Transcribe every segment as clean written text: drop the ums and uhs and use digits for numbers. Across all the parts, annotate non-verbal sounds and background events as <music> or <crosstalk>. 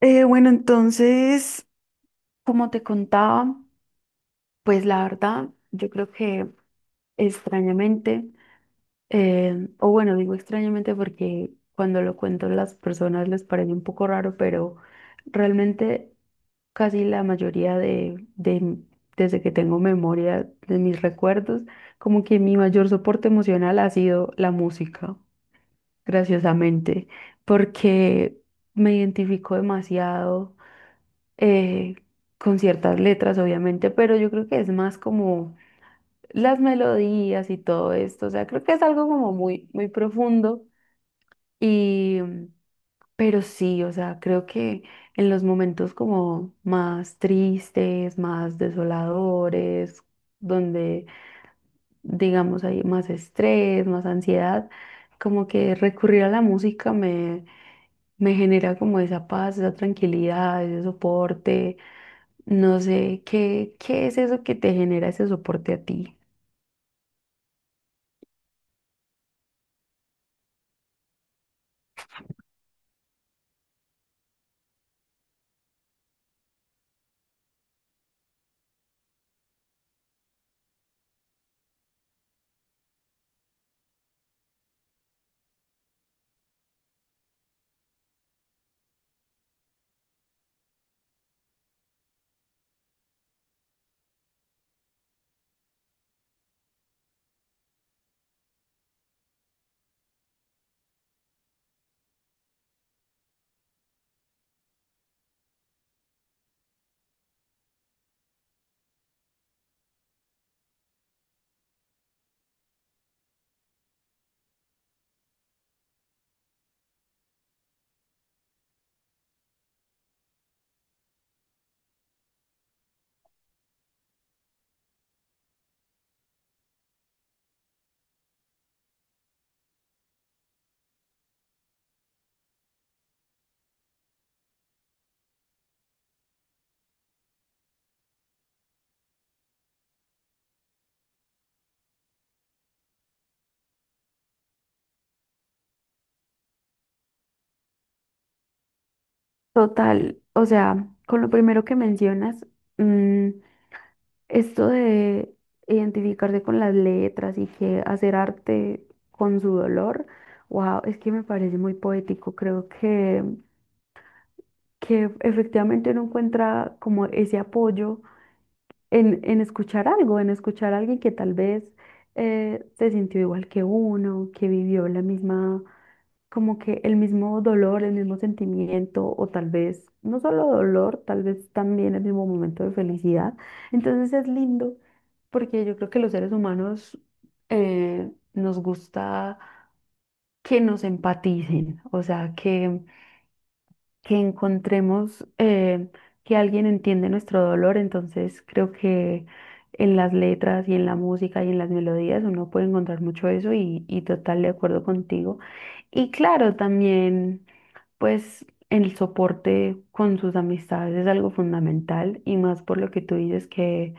Eh, bueno, entonces, como te contaba, pues la verdad, yo creo que extrañamente, o bueno, digo extrañamente porque cuando lo cuento las personas les parece un poco raro, pero realmente casi la mayoría desde que tengo memoria de mis recuerdos, como que mi mayor soporte emocional ha sido la música, graciosamente, porque me identifico demasiado eh, con ciertas letras, obviamente, pero yo creo que es más como las melodías y todo esto, o sea, creo que es algo como muy, muy profundo y pero sí, o sea, creo que en los momentos como más tristes, más desoladores, donde digamos, hay más estrés, más ansiedad, como que recurrir a la música, me genera como esa paz, esa tranquilidad, ese soporte. No sé, ¿qué es eso que te genera ese soporte a ti? Total, o sea, con lo primero que mencionas, mm, esto de identificarse con las letras y que hacer arte con su dolor, wow, es que me parece muy poético. Creo que efectivamente uno encuentra como ese apoyo en escuchar algo, en escuchar a alguien que tal vez se sintió igual que uno, que vivió la misma como que el mismo dolor, el mismo sentimiento, o tal vez no solo dolor, tal vez también el mismo momento de felicidad. Entonces es lindo porque yo creo que los seres humanos nos gusta que nos empaticen, o sea, que encontremos que alguien entiende nuestro dolor. Entonces creo que en las letras y en la música y en las melodías uno puede encontrar mucho eso y total de acuerdo contigo. Y claro, también pues el soporte con sus amistades es algo fundamental y más por lo que tú dices que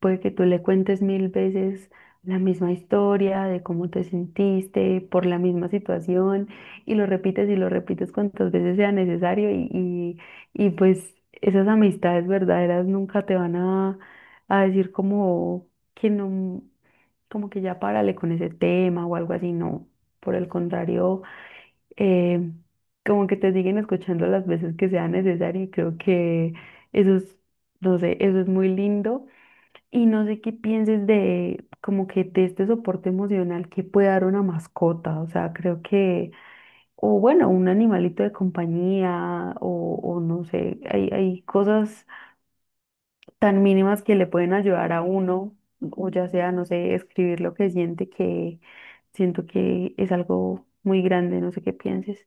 puede que tú le cuentes mil veces la misma historia de cómo te sentiste por la misma situación y lo repites cuantas veces sea necesario y, pues esas amistades verdaderas nunca te van a decir como que no, como que ya párale con ese tema o algo así, no. Por el contrario, eh, como que te siguen escuchando las veces que sea necesario y creo que eso es, no sé, eso es muy lindo y no sé qué pienses de como que de este soporte emocional que puede dar una mascota. O sea, creo que, o bueno, un animalito de compañía, o no sé, hay cosas tan mínimas que le pueden ayudar a uno, o ya sea, no sé, escribir lo que siente, que siento que es algo muy grande, no sé qué pienses.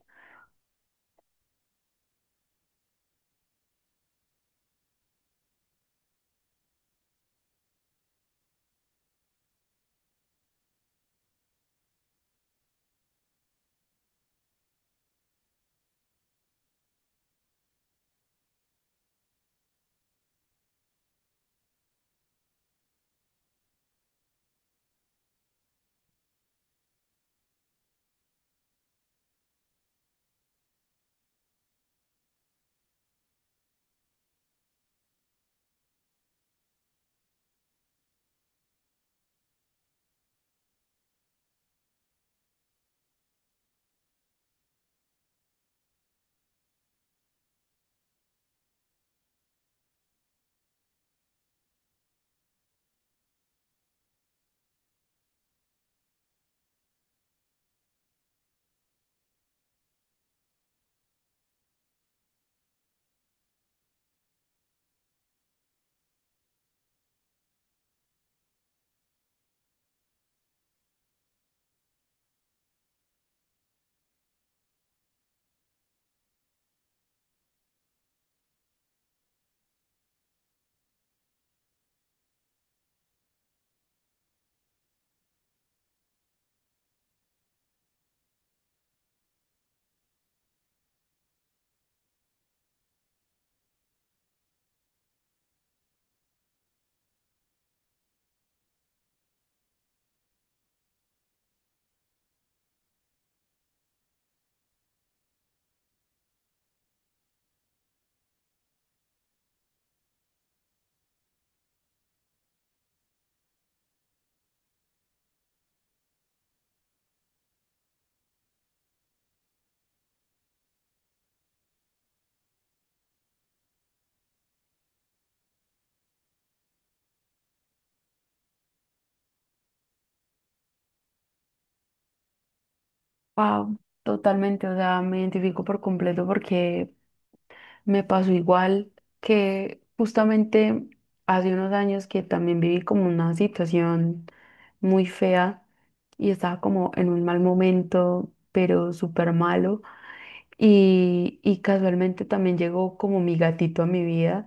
Wow, totalmente, o sea, me identifico por completo porque me pasó igual que justamente hace unos años que también viví como una situación muy fea y estaba como en un mal momento, pero súper malo. Y casualmente también llegó como mi gatito a mi vida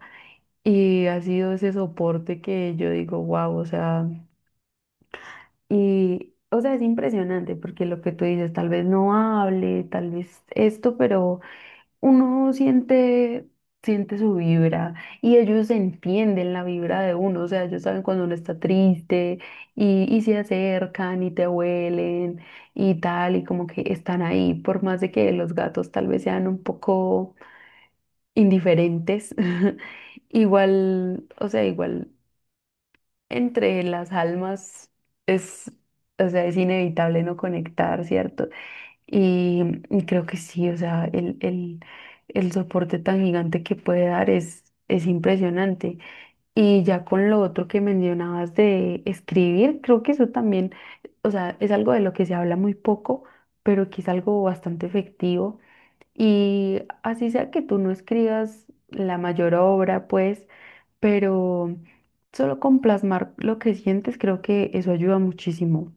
y ha sido ese soporte que yo digo, wow, o sea, y, o sea, es impresionante porque lo que tú dices, tal vez no hable, tal vez esto, pero uno siente, siente su vibra y ellos entienden la vibra de uno, o sea, ellos saben cuando uno está triste y se acercan y te huelen y tal, y como que están ahí, por más de que los gatos tal vez sean un poco indiferentes, <laughs> igual, o sea, igual entre las almas es, o sea, es inevitable no conectar, ¿cierto? Y, y creo que sí, o sea, el soporte tan gigante que puede dar es impresionante. Y ya con lo otro que mencionabas de escribir, creo que eso también, o sea, es algo de lo que se habla muy poco, pero que es algo bastante efectivo. Y así sea que tú no escribas la mayor obra, pues, pero solo con plasmar lo que sientes, creo que eso ayuda muchísimo.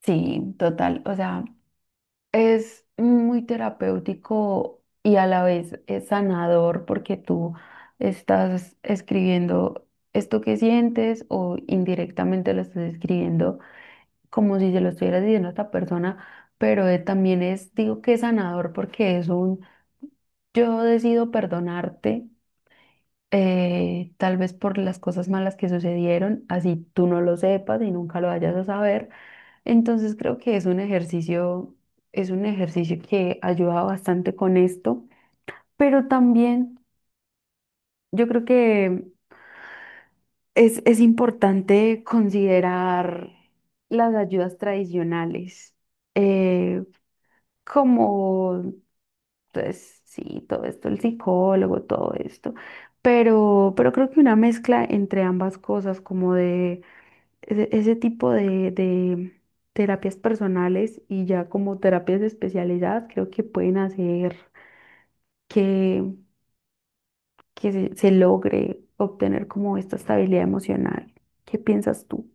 Sí, total, o sea. Es muy terapéutico y a la vez es sanador porque tú estás escribiendo esto que sientes o indirectamente lo estás escribiendo como si se lo estuvieras diciendo a otra persona, pero también es, digo que es sanador porque es un yo decido perdonarte tal vez por las cosas malas que sucedieron, así tú no lo sepas y nunca lo vayas a saber, entonces creo que es un ejercicio que ayuda bastante con esto, pero también yo creo que es importante considerar las ayudas tradicionales, eh, como, pues sí, todo esto, el psicólogo, todo esto, pero creo que una mezcla entre ambas cosas, como de ese, ese tipo de terapias personales y ya como terapias especializadas creo que pueden hacer que, que se logre obtener como esta estabilidad emocional. ¿Qué piensas tú?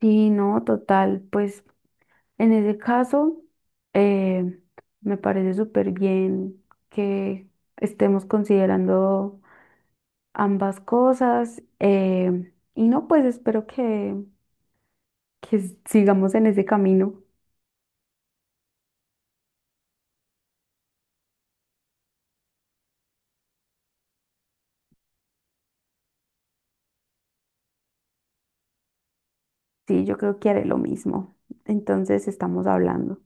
Sí, no, total. Pues en ese caso, eh, me parece súper bien que estemos considerando ambas cosas. Y no, pues espero que sigamos en ese camino. Sí, yo creo que haré lo mismo. Entonces estamos hablando.